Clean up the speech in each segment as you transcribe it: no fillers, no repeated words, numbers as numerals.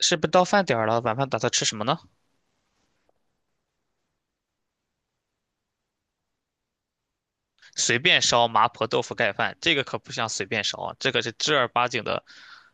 是不是到饭点儿了？晚饭打算吃什么呢？随便烧麻婆豆腐盖饭，这个可不像随便烧啊，这个是正儿八经的。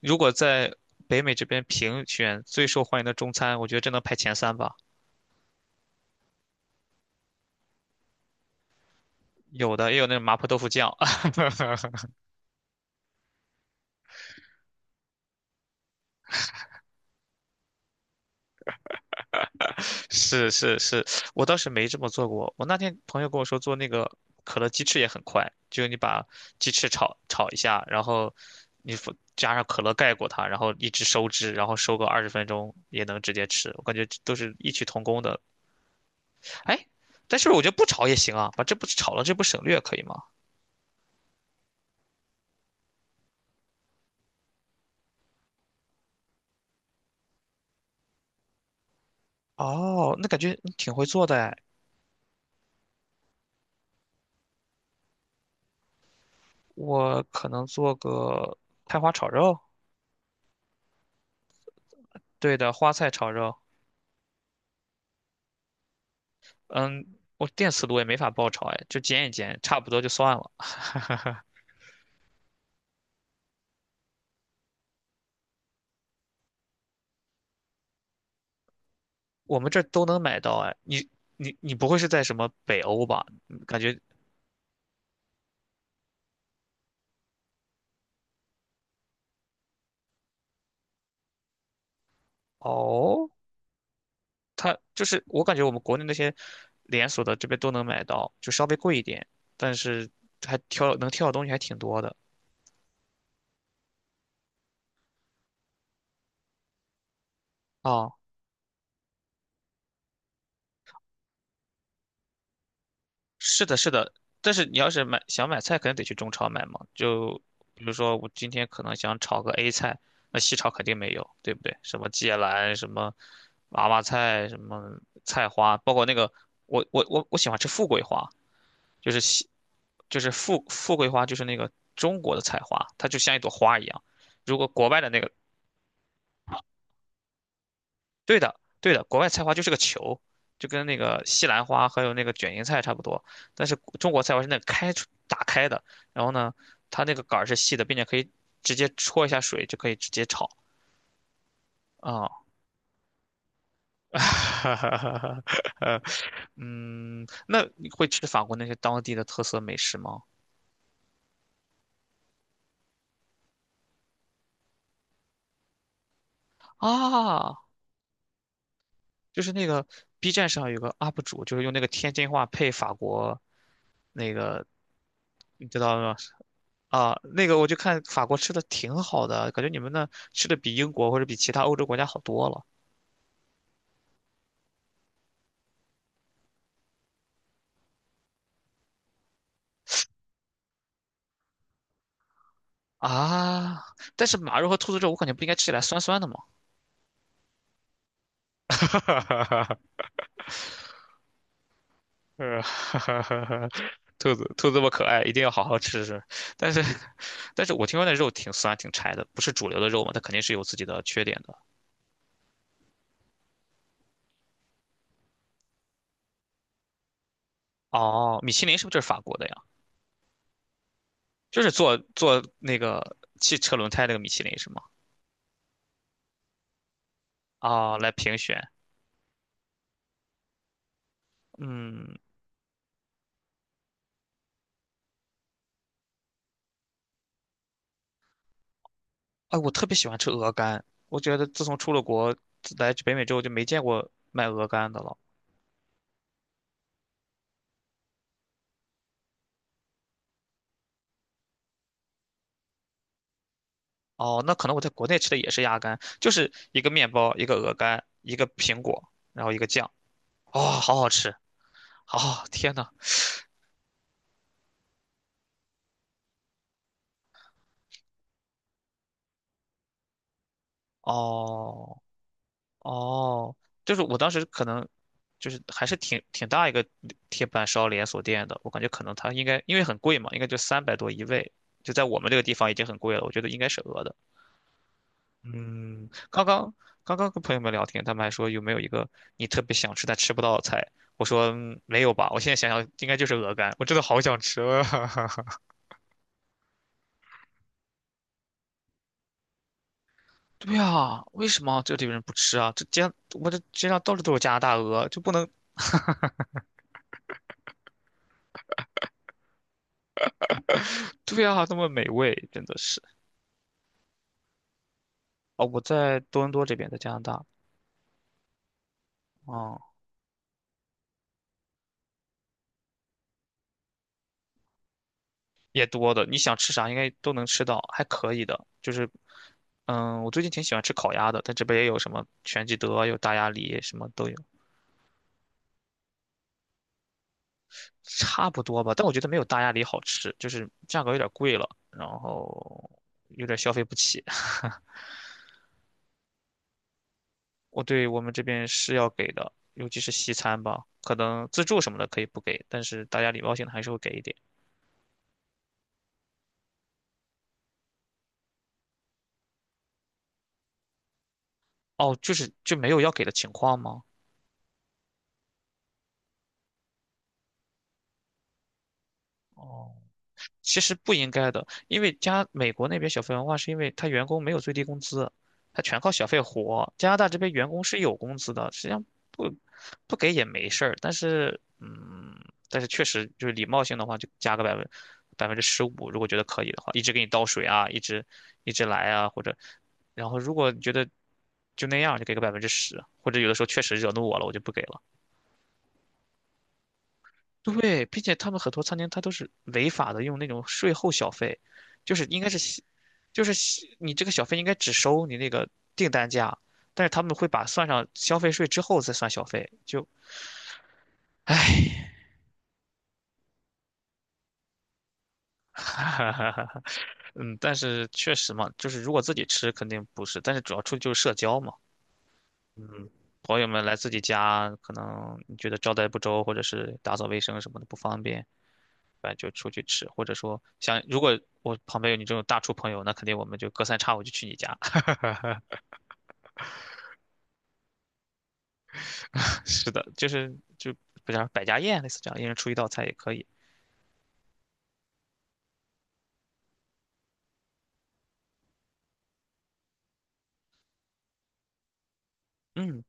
如果在北美这边评选最受欢迎的中餐，我觉得这能排前三吧。有的也有那种麻婆豆腐酱。是是是，我倒是没这么做过。我那天朋友跟我说，做那个可乐鸡翅也很快，就你把鸡翅炒炒一下，然后你放加上可乐盖过它，然后一直收汁，然后收个20分钟也能直接吃。我感觉这都是异曲同工的。哎，但是我觉得不炒也行啊，把这不炒了，这不省略可以吗？哦，那感觉你挺会做的哎。我可能做个菜花炒肉，对的，花菜炒肉。嗯，我电磁炉也没法爆炒，哎，就煎一煎，差不多就算了。我们这儿都能买到。哎，你不会是在什么北欧吧？嗯，哦，它就是我感觉我们国内那些连锁的这边都能买到，就稍微贵一点，但是能挑的东西还挺多的啊。是的，是的，但是你要是想买菜，肯定得去中超买嘛。就比如说，我今天可能想炒个 A 菜，那西超肯定没有，对不对？什么芥兰，什么娃娃菜，什么菜花，包括那个我喜欢吃富贵花，就是西就是富贵花，就是那个中国的菜花，它就像一朵花一样。如果国外的那个对的，对的，国外菜花就是个球，就跟那个西兰花还有那个卷心菜差不多。但是中国菜花是那个打开的，然后呢，它那个杆儿是细的，并且可以直接戳一下水就可以直接炒啊。嗯，那你会吃法国那些当地的特色美食吗？啊，就是那个 B 站上有个 UP 主，就是用那个天津话配法国那个，你知道吗？啊，那个我就看法国吃的挺好的，感觉你们那吃的比英国或者比其他欧洲国家好多了啊。但是马肉和兔子肉，我感觉不应该吃起来酸酸的吗？哈哈哈，哈哈哈哈，兔子，兔子这么可爱，一定要好好吃吃。但是，但是我听说那肉挺酸挺柴的，不是主流的肉嘛，它肯定是有自己的缺点的。哦，米其林是不是就是法国的呀？就是做做那个汽车轮胎那个米其林是吗？哦，来评选，嗯。哎，我特别喜欢吃鹅肝，我觉得自从出了国自来北美之后就没见过卖鹅肝的了。哦，那可能我在国内吃的也是鸭肝，就是一个面包，一个鹅肝，一个苹果，然后一个酱。哦，好好吃！哦，天呐！哦哦，就是我当时可能就是还是挺大一个铁板烧连锁店的，我感觉可能它应该因为很贵嘛，应该就300多一位，就在我们这个地方已经很贵了，我觉得应该是鹅的。嗯，刚刚跟朋友们聊天，他们还说有没有一个你特别想吃但吃不到的菜？我说嗯，没有吧，我现在想想应该就是鹅肝，我真的好想吃啊。对啊，为什么这里人不吃啊？这街上我这街上到处都是加拿大鹅，就不能对啊，那么美味，真的是哦。我在多伦多这边，在加拿大。哦，也多的，你想吃啥应该都能吃到，还可以的。就是我最近挺喜欢吃烤鸭的，但这边也有什么全聚德，有大鸭梨，什么都有。差不多吧，但我觉得没有大鸭梨好吃，就是价格有点贵了，然后有点消费不起。对，我们这边是要给的，尤其是西餐吧，可能自助什么的可以不给，但是大家礼貌性的还是会给一点。哦，就是就没有要给的情况吗？哦，其实不应该的，因为加美国那边小费文化是因为他员工没有最低工资，他全靠小费活。加拿大这边员工是有工资的，实际上不不给也没事儿，但是嗯，但是确实就是礼貌性的话，就加个15%。如果觉得可以的话，一直给你倒水啊，一直来啊，或者然后如果觉得就那样，就给个百分之十，或者有的时候确实惹怒我了，我就不给了。对，并且他们很多餐厅它都是违法的，用那种税后小费，就是应该是西就是西你这个小费应该只收你那个订单价，但是他们会把算上消费税之后再算小费。就唉。嗯，但是确实嘛，就是如果自己吃肯定不是，但是主要出去就是社交嘛。嗯，朋友们来自己家，可能你觉得招待不周或者是打扫卫生什么的不方便，反正就出去吃，或者说像如果我旁边有你这种大厨朋友，那肯定我们就隔三差五就去你家。是的，就是就不叫百家宴类似这样，一人出一道菜也可以。嗯。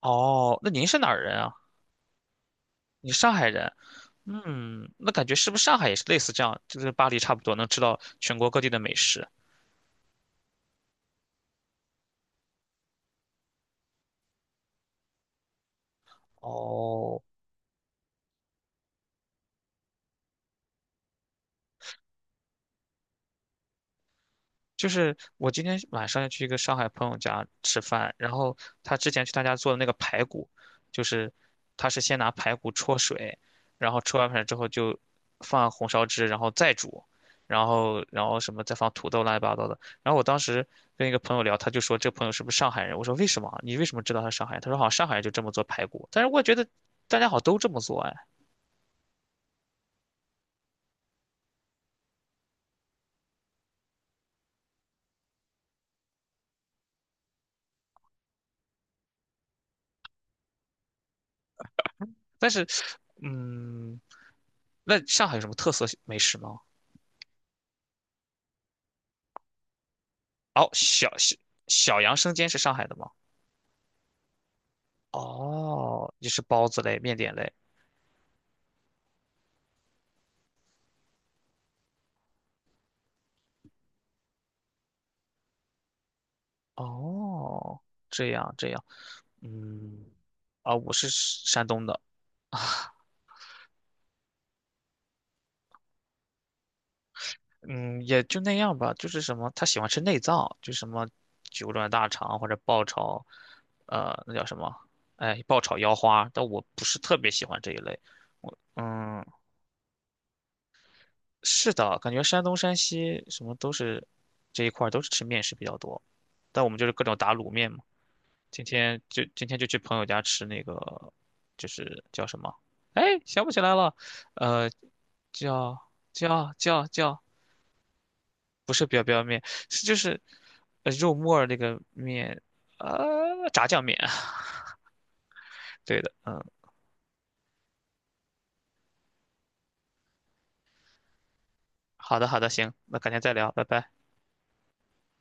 哦，那您是哪儿人啊？你是上海人？嗯，那感觉是不是上海也是类似这样，就是巴黎差不多能吃到全国各地的美食？哦。就是我今天晚上要去一个上海朋友家吃饭，然后他之前去他家做的那个排骨，就是他是先拿排骨焯水，然后焯完水之后就放红烧汁，然后再煮，然后什么再放土豆乱七八糟的。然后我当时跟一个朋友聊，他就说这朋友是不是上海人？我说为什么啊？你为什么知道他是上海人？他说好像上海人就这么做排骨，但是我觉得大家好像都这么做哎。但是，嗯，那上海有什么特色美食吗？哦，小杨生煎是上海的吗？哦，也是包子类、面点类。哦，这样这样，嗯。啊，我是山东的。嗯，也就那样吧。就是什么，他喜欢吃内脏，就什么九转大肠或者爆炒，呃，那叫什么？哎，爆炒腰花。但我不是特别喜欢这一类。我嗯，是的，感觉山东、山西什么都是这一块儿都是吃面食比较多，但我们就是各种打卤面嘛。今天就去朋友家吃那个，就是叫什么？哎，想不起来了，呃，叫叫，不是表面，是就是肉沫那个面，炸酱面。对的，嗯。好的好的，行，那改天再聊，拜拜。